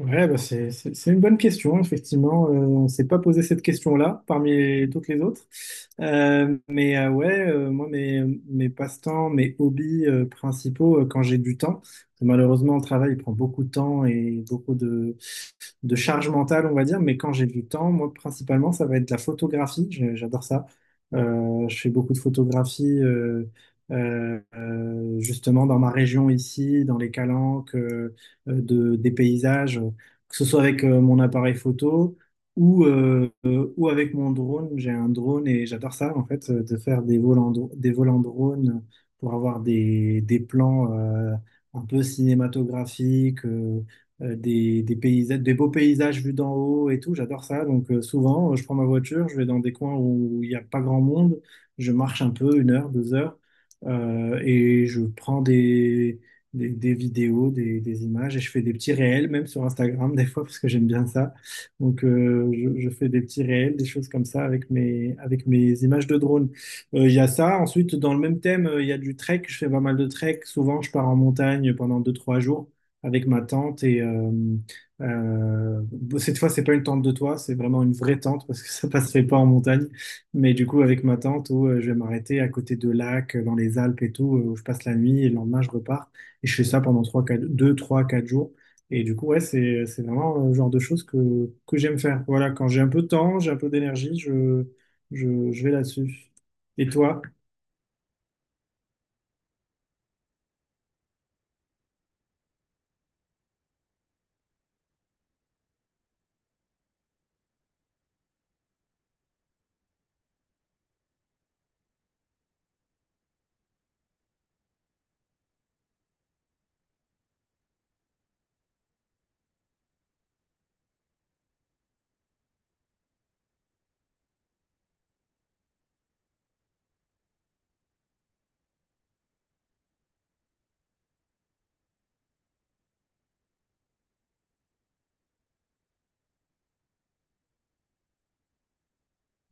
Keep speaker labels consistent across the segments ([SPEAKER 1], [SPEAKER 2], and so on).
[SPEAKER 1] Ouais, bah, c'est une bonne question, effectivement. On ne s'est pas posé cette question-là parmi toutes les autres. Moi, mes passe-temps, mes hobbies principaux, quand j'ai du temps, malheureusement, le travail il prend beaucoup de temps et beaucoup de charge mentale, on va dire, mais quand j'ai du temps, moi, principalement, ça va être la photographie. J'adore ça. Je fais beaucoup de photographie, justement, dans ma région ici, dans les Calanques, des paysages, que ce soit avec mon appareil photo ou avec mon drone. J'ai un drone et j'adore ça, en fait, de faire des vols en drone, pour avoir des plans un peu cinématographiques, des paysages, des beaux paysages vus d'en haut et tout. J'adore ça. Donc, souvent, je prends ma voiture, je vais dans des coins où il n'y a pas grand monde, je marche un peu, 1 heure, 2 heures, et je prends des vidéos, des images, et je fais des petits réels, même sur Instagram des fois, parce que j'aime bien ça. Donc, je fais des petits réels, des choses comme ça avec mes images de drone. Il y a ça. Ensuite, dans le même thème, il y a du trek. Je fais pas mal de trek. Souvent, je pars en montagne pendant deux trois jours avec ma tente. Et euh, cette fois, c'est pas une tente de toit, c'est vraiment une vraie tente parce que ça passerait pas en montagne. Mais du coup, avec ma tente, où, je vais m'arrêter à côté de lacs, dans les Alpes et tout, où je passe la nuit et le lendemain, je repars. Et je fais ça pendant 3 4, 2, 3, 4 jours. Et du coup, ouais, c'est vraiment le genre de choses que j'aime faire. Voilà, quand j'ai un peu de temps, j'ai un peu d'énergie, je vais là-dessus. Et toi?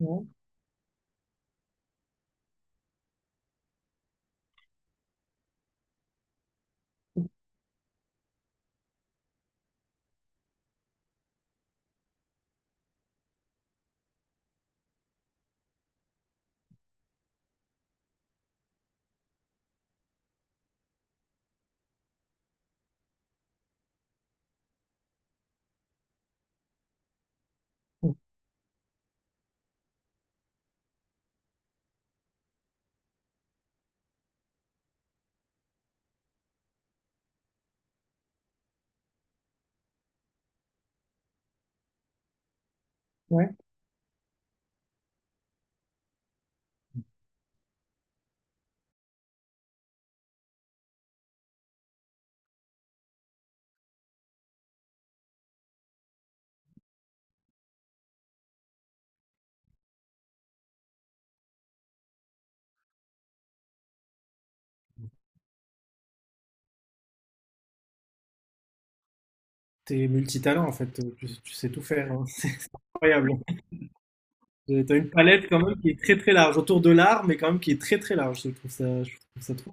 [SPEAKER 1] Non. T'es multitalent, en fait. Tu sais tout faire, hein. C'est incroyable. T'as une palette quand même qui est très très large autour de l'art, mais quand même qui est très très large. Je trouve ça trop.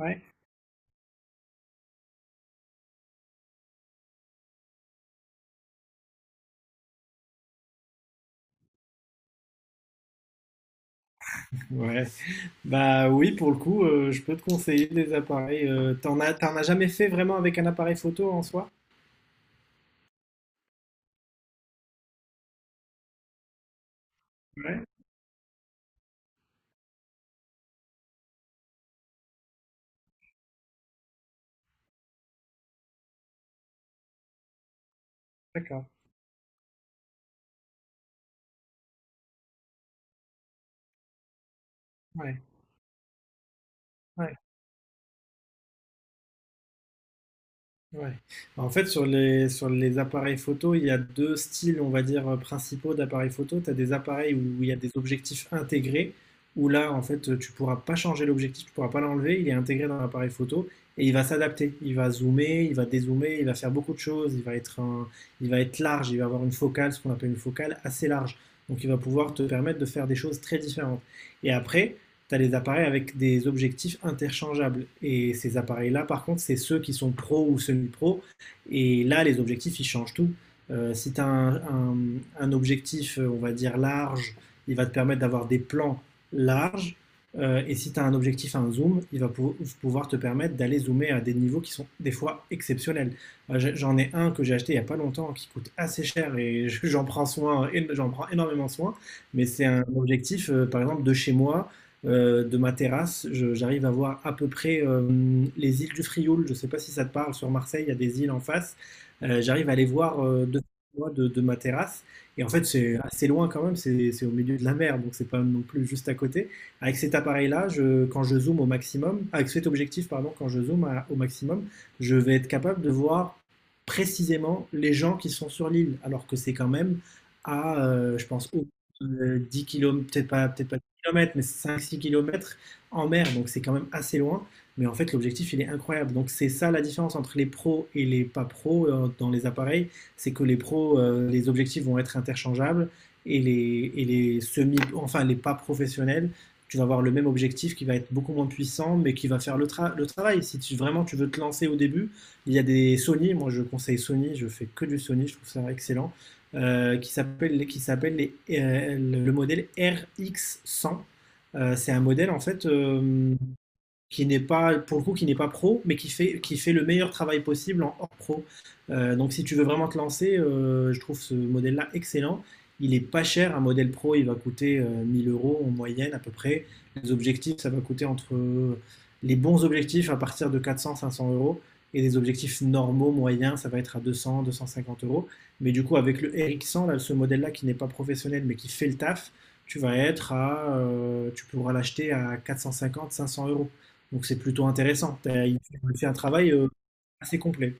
[SPEAKER 1] Ouais. Ouais. Bah oui, pour le coup, je peux te conseiller des appareils. T'en as jamais fait vraiment avec un appareil photo en soi? Ouais. D'accord, ouais, ouais, ouais. Bah, en fait, sur les appareils photo, il y a 2 styles, on va dire, principaux d'appareils photo. Tu as des appareils où il y a des objectifs intégrés, où là, en fait, tu pourras pas changer l'objectif, tu pourras pas l'enlever, il est intégré dans l'appareil photo et il va s'adapter. Il va zoomer, il va dézoomer, il va faire beaucoup de choses, il va être large, il va avoir une focale, ce qu'on appelle une focale assez large. Donc il va pouvoir te permettre de faire des choses très différentes, et après tu as les appareils avec des objectifs interchangeables. Et ces appareils-là, par contre, c'est ceux qui sont pro ou semi-pro. Et là, les objectifs, ils changent tout. Si tu as un objectif, on va dire, large, il va te permettre d'avoir des plans larges. Et si tu as un objectif à un zoom, il va pouvoir te permettre d'aller zoomer à des niveaux qui sont des fois exceptionnels. J'en ai un que j'ai acheté il n'y a pas longtemps qui coûte assez cher et j'en prends soin, j'en prends énormément soin. Mais c'est un objectif, par exemple, de chez moi, de ma terrasse, j'arrive à voir à peu près les îles du Frioul. Je ne sais pas si ça te parle. Sur Marseille, il y a des îles en face. J'arrive à les voir moi, de ma terrasse. Et en fait, c'est assez loin quand même. C'est au milieu de la mer, donc c'est pas non plus juste à côté. Avec cet appareil-là, quand je zoome au maximum, avec cet objectif, pardon, quand je zoome au maximum, je vais être capable de voir précisément les gens qui sont sur l'île, alors que c'est quand même à, je pense, 10 kilomètres, peut-être pas kilomètres, mais 5, 6 kilomètres en mer, donc c'est quand même assez loin. Mais en fait, l'objectif, il est incroyable. Donc c'est ça la différence entre les pros et les pas pros dans les appareils, c'est que les pros, les objectifs vont être interchangeables et les semi, enfin les pas professionnels, tu vas avoir le même objectif qui va être beaucoup moins puissant, mais qui va faire le travail. Si vraiment tu veux te lancer au début, il y a des Sony, moi je conseille Sony, je fais que du Sony, je trouve ça excellent, qui s'appelle, qui s'appelle le modèle RX100. C'est un modèle en fait qui n'est pas, pour le coup, qui n'est pas pro, mais qui fait le meilleur travail possible en hors pro. Donc, si tu veux vraiment te lancer, je trouve ce modèle-là excellent. Il est pas cher, un modèle pro, il va coûter 1 000 euros en moyenne à peu près. Les objectifs, ça va coûter entre les bons objectifs à partir de 400 à 500 euros, et des objectifs normaux, moyens, ça va être à 200 à 250 euros. Mais du coup, avec le RX100, là, ce modèle-là qui n'est pas professionnel mais qui fait le taf, tu pourras l'acheter à 450 à 500 euros. Donc c'est plutôt intéressant. Il fait un travail assez complet.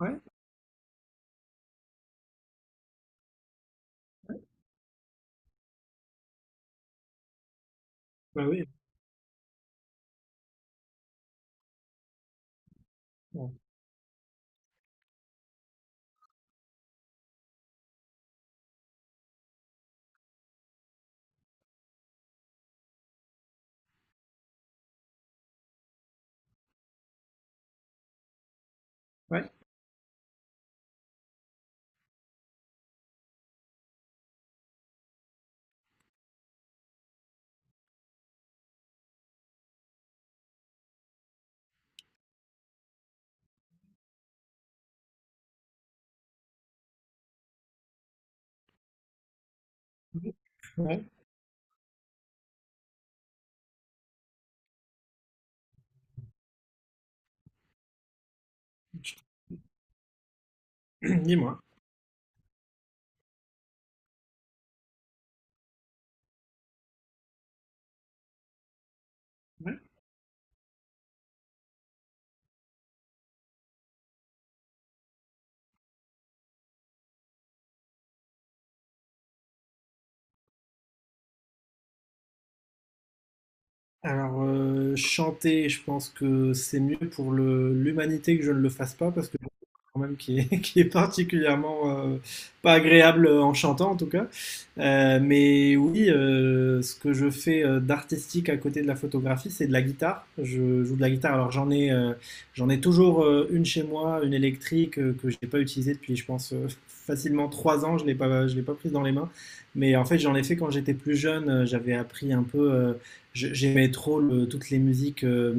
[SPEAKER 1] Ouais, bah oui. Ouais, ouais. Dis-moi. Alors, chanter, je pense que c'est mieux pour l'humanité que je ne le fasse pas, parce que j'ai quand même qui est, qui est particulièrement pas agréable en chantant en tout cas. Mais oui, ce que je fais d'artistique à côté de la photographie, c'est de la guitare. Je joue de la guitare. Alors j'en ai toujours une chez moi, une électrique que je n'ai pas utilisée depuis, je pense, facilement 3 ans. Je l'ai pas prise dans les mains. Mais en fait, j'en ai fait quand j'étais plus jeune. J'avais appris un peu. Euh, J'aimais trop toutes les musiques euh,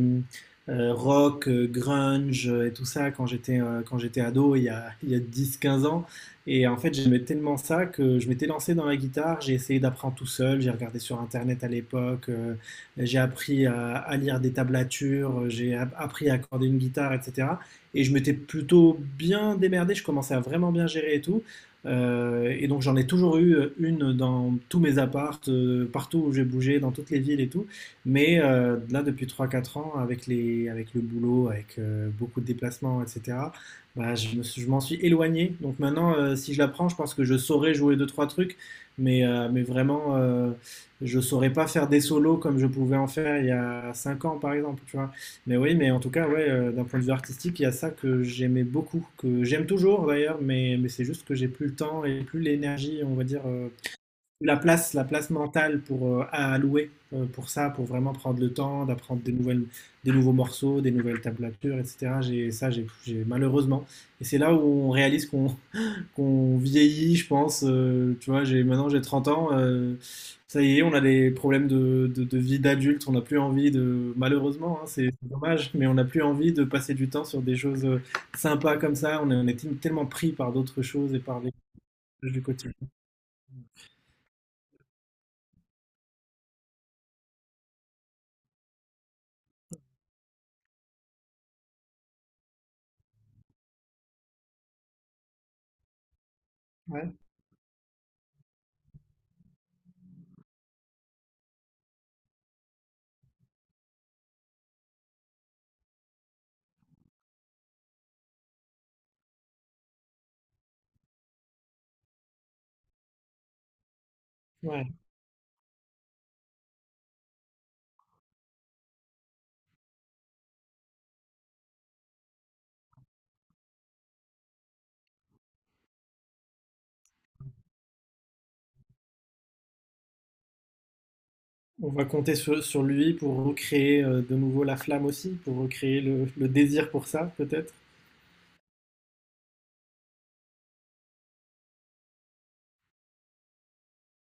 [SPEAKER 1] euh, rock, grunge et tout ça quand j'étais ado, il y a 10-15 ans. Et en fait, j'aimais tellement ça que je m'étais lancé dans la guitare, j'ai essayé d'apprendre tout seul, j'ai regardé sur Internet à l'époque, j'ai appris à lire des tablatures, j'ai appris à accorder une guitare, etc. Et je m'étais plutôt bien démerdé, je commençais à vraiment bien gérer et tout. Et donc j'en ai toujours eu une dans tous mes apparts, partout où j'ai bougé, dans toutes les villes et tout. Mais là, depuis trois quatre ans, avec le boulot, avec beaucoup de déplacements, etc., bah, je m'en suis éloigné. Donc maintenant, si je la prends, je pense que je saurais jouer deux trois trucs, mais, vraiment, je saurais pas faire des solos comme je pouvais en faire il y a 5 ans, par exemple, tu vois. Mais oui, mais en tout cas, ouais, d'un point de vue artistique, il y a ça que j'aimais beaucoup, que j'aime toujours d'ailleurs, mais, c'est juste que j'ai plus le temps et plus l'énergie, on va dire, la place, mentale pour, à allouer pour ça, pour vraiment prendre le temps d'apprendre des nouvelles, des nouveaux morceaux, des nouvelles tablatures, etc. J'ai ça, malheureusement. Et c'est là où on réalise qu'on qu'on vieillit, je pense. Tu vois, j'ai 30 ans. Ça y est, on a des problèmes de vie d'adulte. On n'a plus envie de, malheureusement, hein, c'est dommage, mais on n'a plus envie de passer du temps sur des choses sympas comme ça. On est tellement pris par d'autres choses et par les choses du quotidien. Ouais, ouais. On va compter sur lui pour recréer de nouveau la flamme aussi, pour recréer le désir pour ça, peut-être.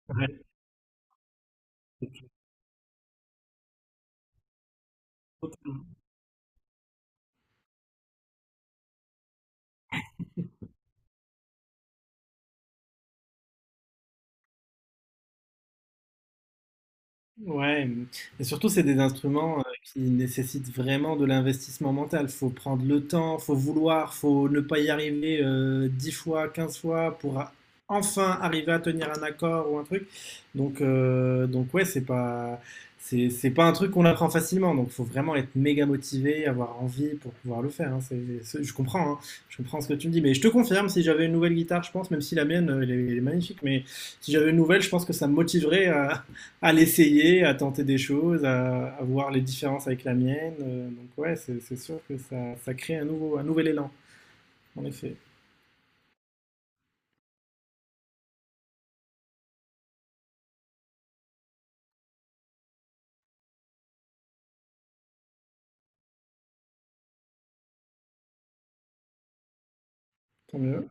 [SPEAKER 1] Ouais. Ouais, mm. Et surtout, c'est des instruments qui nécessitent vraiment de l'investissement mental. Faut prendre le temps, faut vouloir, faut ne pas y arriver 10 fois, 15 fois pour enfin arriver à tenir un accord ou un truc. Donc ouais, c'est pas un truc qu'on apprend facilement. Donc, faut vraiment être méga motivé, avoir envie pour pouvoir le faire, hein. Je comprends, hein. Je comprends ce que tu me dis. Mais je te confirme, si j'avais une nouvelle guitare, je pense, même si la mienne, elle est magnifique, mais si j'avais une nouvelle, je pense que ça me motiverait à, l'essayer, à tenter des choses, à, voir les différences avec la mienne. Donc ouais, c'est sûr que ça crée un nouvel élan, en effet. Tant mieux,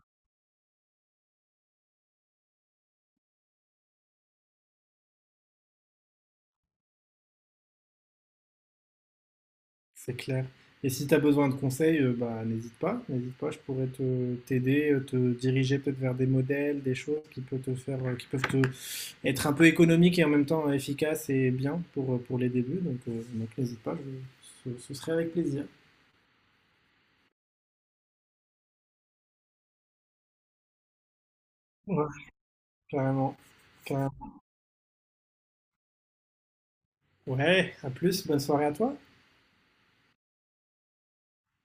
[SPEAKER 1] c'est clair. Et si tu as besoin de conseils, bah, n'hésite pas, je pourrais te t'aider, te diriger peut-être vers des modèles, des choses qui peuvent te faire, qui peuvent te être un peu économiques et en même temps efficaces et bien pour les débuts. Donc n'hésite pas, ce serait avec plaisir. Ouais, carrément. Carrément. Ouais, à plus, bonne soirée à toi.